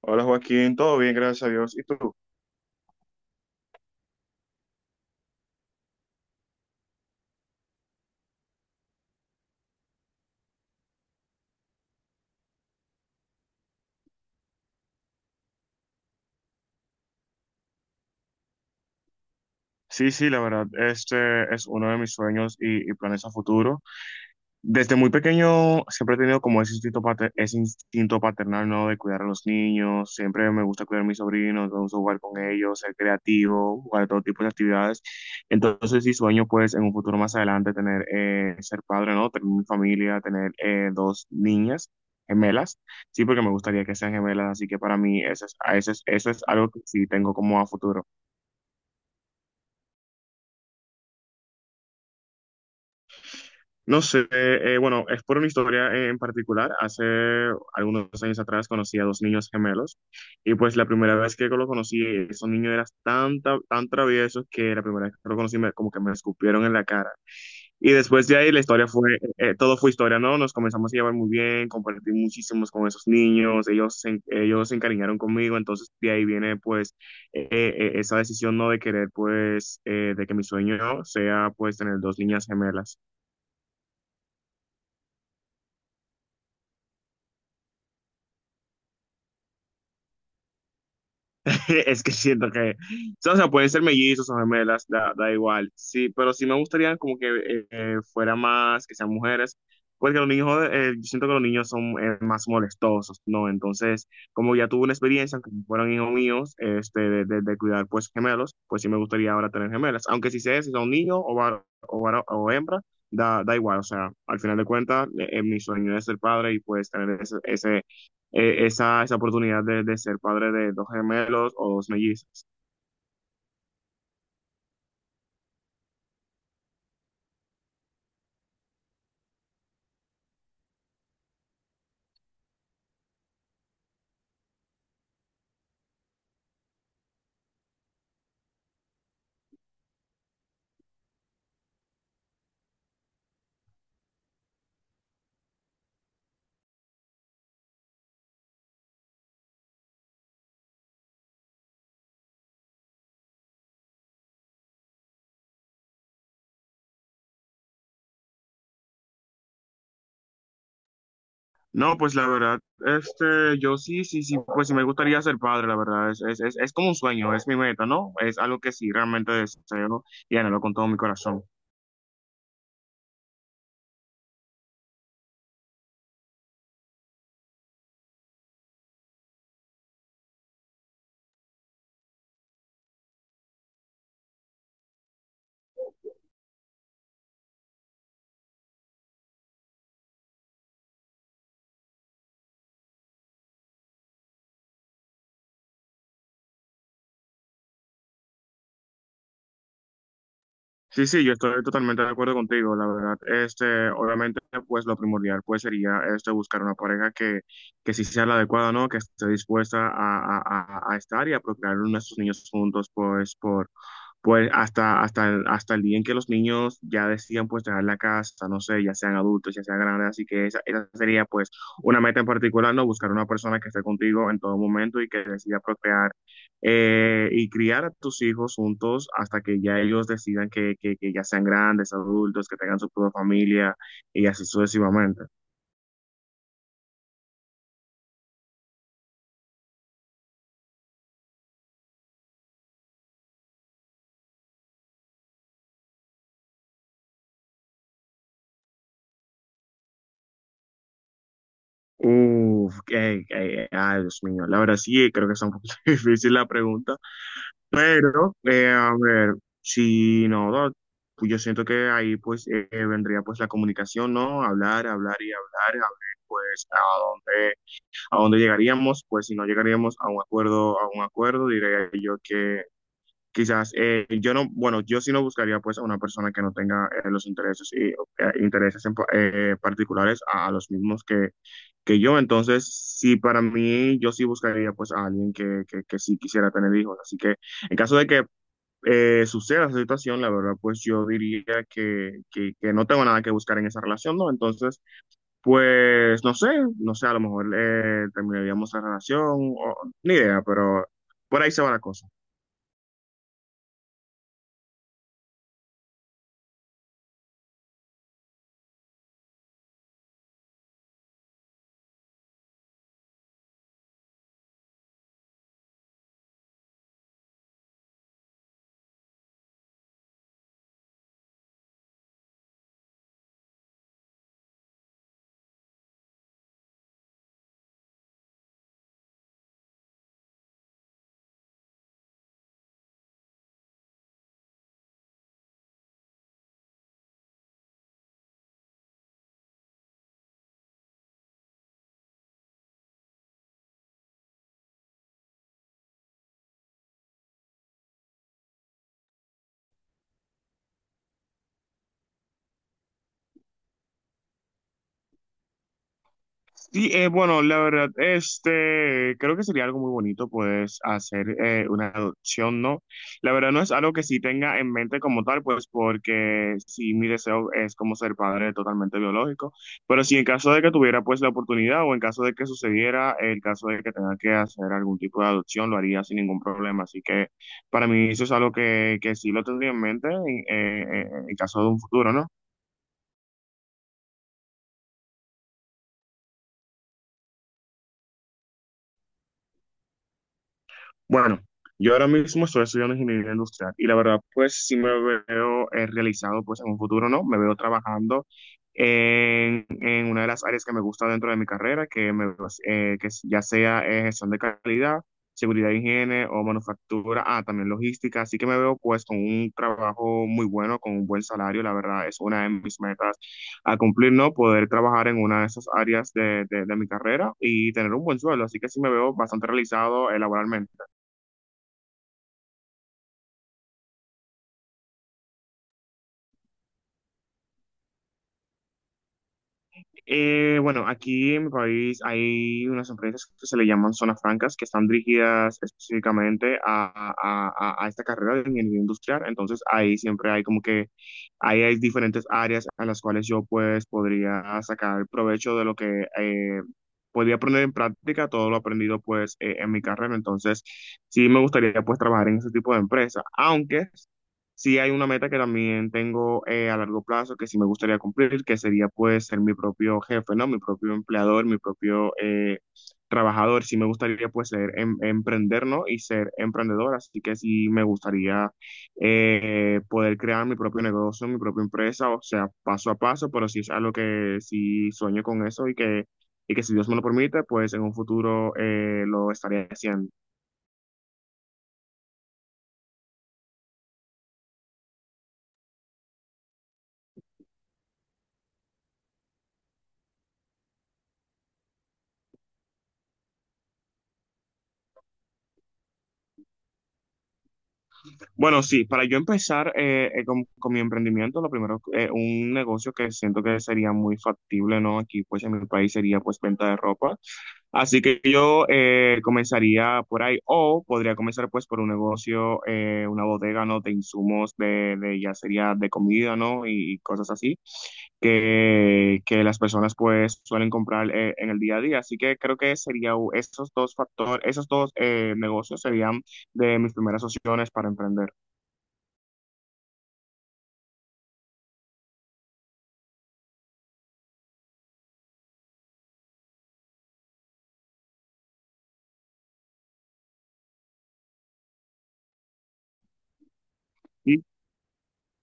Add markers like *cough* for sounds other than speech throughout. Hola Joaquín, todo bien, gracias a Dios. ¿Y tú? Sí, sí, la verdad, este es uno de mis sueños y planes a futuro. Desde muy pequeño siempre he tenido como ese instinto, ese instinto paternal, ¿no? De cuidar a los niños, siempre me gusta cuidar a mis sobrinos, me gusta jugar con ellos, ser creativo, jugar todo tipo de actividades. Entonces sí sueño pues en un futuro más adelante tener, ser padre, ¿no? Tener mi familia, tener dos niñas gemelas, sí, porque me gustaría que sean gemelas, así que para mí eso es algo que sí tengo como a futuro. No sé, bueno, es por una historia en particular. Hace algunos años atrás conocí a dos niños gemelos y pues la primera vez que lo conocí, esos niños eran tan, tan, tan traviesos que la primera vez que lo conocí como que me escupieron en la cara. Y después de ahí la historia fue, todo fue historia, ¿no? Nos comenzamos a llevar muy bien, compartí muchísimos con esos niños, ellos se encariñaron conmigo, entonces de ahí viene pues esa decisión, ¿no? De querer pues de que mi sueño sea pues tener dos niñas gemelas. *laughs* Es que siento que, o sea, pueden ser mellizos o gemelas, da, da igual. Sí, pero sí me gustaría como que fuera más, que sean mujeres, porque los niños, yo siento que los niños son más molestosos, ¿no? Entonces, como ya tuve una experiencia, aunque fueron hijos míos, este, de cuidar pues gemelos, pues sí me gustaría ahora tener gemelas. Aunque si sea, si son niños o, o hembra, da, da igual. O sea, al final de cuentas, mi sueño es ser padre y pues tener ese esa oportunidad de ser padre de dos gemelos o dos mellizos. No, pues la verdad, este, yo sí, sí, sí, pues sí me gustaría ser padre, la verdad, es como un sueño, es mi meta, ¿no? Es algo que sí realmente deseo y anhelo con todo mi corazón. Sí, sí, yo estoy totalmente de acuerdo contigo, la verdad. Este, obviamente, pues lo primordial pues sería este buscar una pareja que sí sea la adecuada, ¿no? Que esté dispuesta a a estar y a procrear nuestros niños juntos, pues, por, pues hasta el día en que los niños ya decidan pues dejar la casa, no sé, ya sean adultos, ya sean grandes, así que esa sería pues una meta en particular, ¿no? Buscar una persona que esté contigo en todo momento y que decida procrear y criar a tus hijos juntos hasta que ya ellos decidan que ya sean grandes, adultos, que tengan su propia familia y así sucesivamente. Uf, que ay, Dios mío, la verdad sí, creo que es un poquito *laughs* difícil la pregunta. Pero, a ver, si no, no, pues yo siento que ahí pues vendría pues la comunicación, ¿no? Hablar, hablar y hablar, a ver pues a dónde llegaríamos, pues si no llegaríamos a un acuerdo, diría yo que quizás yo no, bueno, yo sí no buscaría pues a una persona que no tenga los intereses y particulares a los mismos que yo. Entonces, sí, para mí, yo sí buscaría pues a alguien que sí quisiera tener hijos. Así que en caso de que suceda esa situación, la verdad, pues yo diría que no tengo nada que buscar en esa relación, ¿no? Entonces, pues no sé, no sé, a lo mejor terminaríamos la relación, ni idea, pero por ahí se va la cosa. Sí, bueno, la verdad, este, creo que sería algo muy bonito, pues, hacer una adopción, ¿no? La verdad no es algo que sí tenga en mente como tal, pues, porque sí, mi deseo es como ser padre totalmente biológico, pero si en caso de que tuviera, pues, la oportunidad o en caso de que sucediera, el caso de que tenga que hacer algún tipo de adopción, lo haría sin ningún problema, así que para mí eso es algo que sí lo tendría en mente en caso de un futuro, ¿no? Bueno, yo ahora mismo estoy estudiando ingeniería industrial y la verdad, pues sí me veo realizado, pues en un futuro, ¿no? Me veo trabajando en una de las áreas que me gusta dentro de mi carrera, que ya sea gestión de calidad, seguridad e higiene o manufactura, ah, también logística. Así que me veo pues con un trabajo muy bueno, con un buen salario, la verdad, es una de mis metas a cumplir, ¿no? Poder trabajar en una de esas áreas de mi carrera y tener un buen sueldo. Así que sí me veo bastante realizado laboralmente. Bueno, aquí en mi país hay unas empresas que se le llaman zonas francas, que están dirigidas específicamente a, a esta carrera de ingeniería industrial. Entonces ahí siempre hay como que, ahí hay diferentes áreas a las cuales yo pues podría sacar provecho de lo que podría poner en práctica todo lo aprendido pues en mi carrera. Entonces sí me gustaría pues trabajar en ese tipo de empresa, aunque sí hay una meta que también tengo a largo plazo que sí me gustaría cumplir, que sería pues ser mi propio jefe, ¿no? Mi propio empleador, mi propio trabajador. Sí me gustaría pues emprender, ¿no? Y ser emprendedor. Así que sí me gustaría poder crear mi propio negocio, mi propia empresa, o sea, paso a paso, pero sí es algo que sí sueño con eso y que si Dios me lo permite, pues en un futuro lo estaré haciendo. Bueno, sí, para yo empezar con mi emprendimiento, lo primero, un negocio que siento que sería muy factible, ¿no? Aquí, pues, en mi país sería, pues, venta de ropa. Así que yo comenzaría por ahí, o podría comenzar, pues, por un negocio, una bodega, ¿no? De insumos, de ya sería de comida, ¿no? Y, cosas así, que las personas, pues, suelen comprar en el día a día. Así que creo que sería esos dos factores, esos dos negocios serían de mis primeras opciones para emprender. Sí,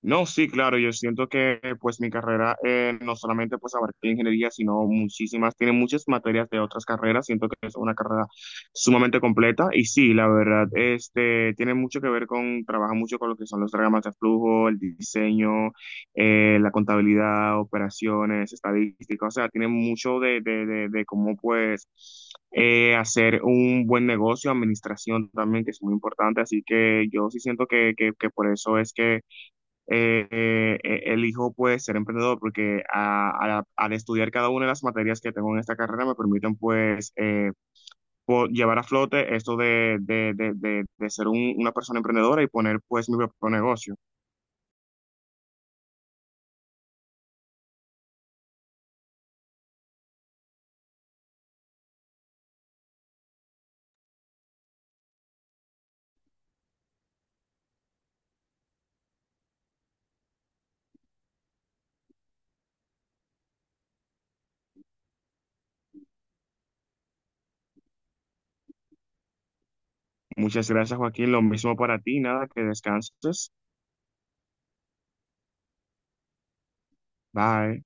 no, sí, claro, yo siento que pues mi carrera no solamente pues abarca la ingeniería, sino muchísimas, tiene muchas materias de otras carreras, siento que es una carrera sumamente completa y sí, la verdad, este, tiene mucho que ver con, trabaja mucho con lo que son los diagramas de flujo, el diseño, la contabilidad, operaciones, estadística, o sea, tiene mucho de cómo pues hacer un buen negocio, administración también, que es muy importante, así que yo sí siento que por eso es que elijo pues ser emprendedor porque al estudiar cada una de las materias que tengo en esta carrera me permiten pues llevar a flote esto de ser una persona emprendedora y poner pues mi propio negocio. Muchas gracias, Joaquín. Lo mismo para ti. Nada, que descanses. Bye.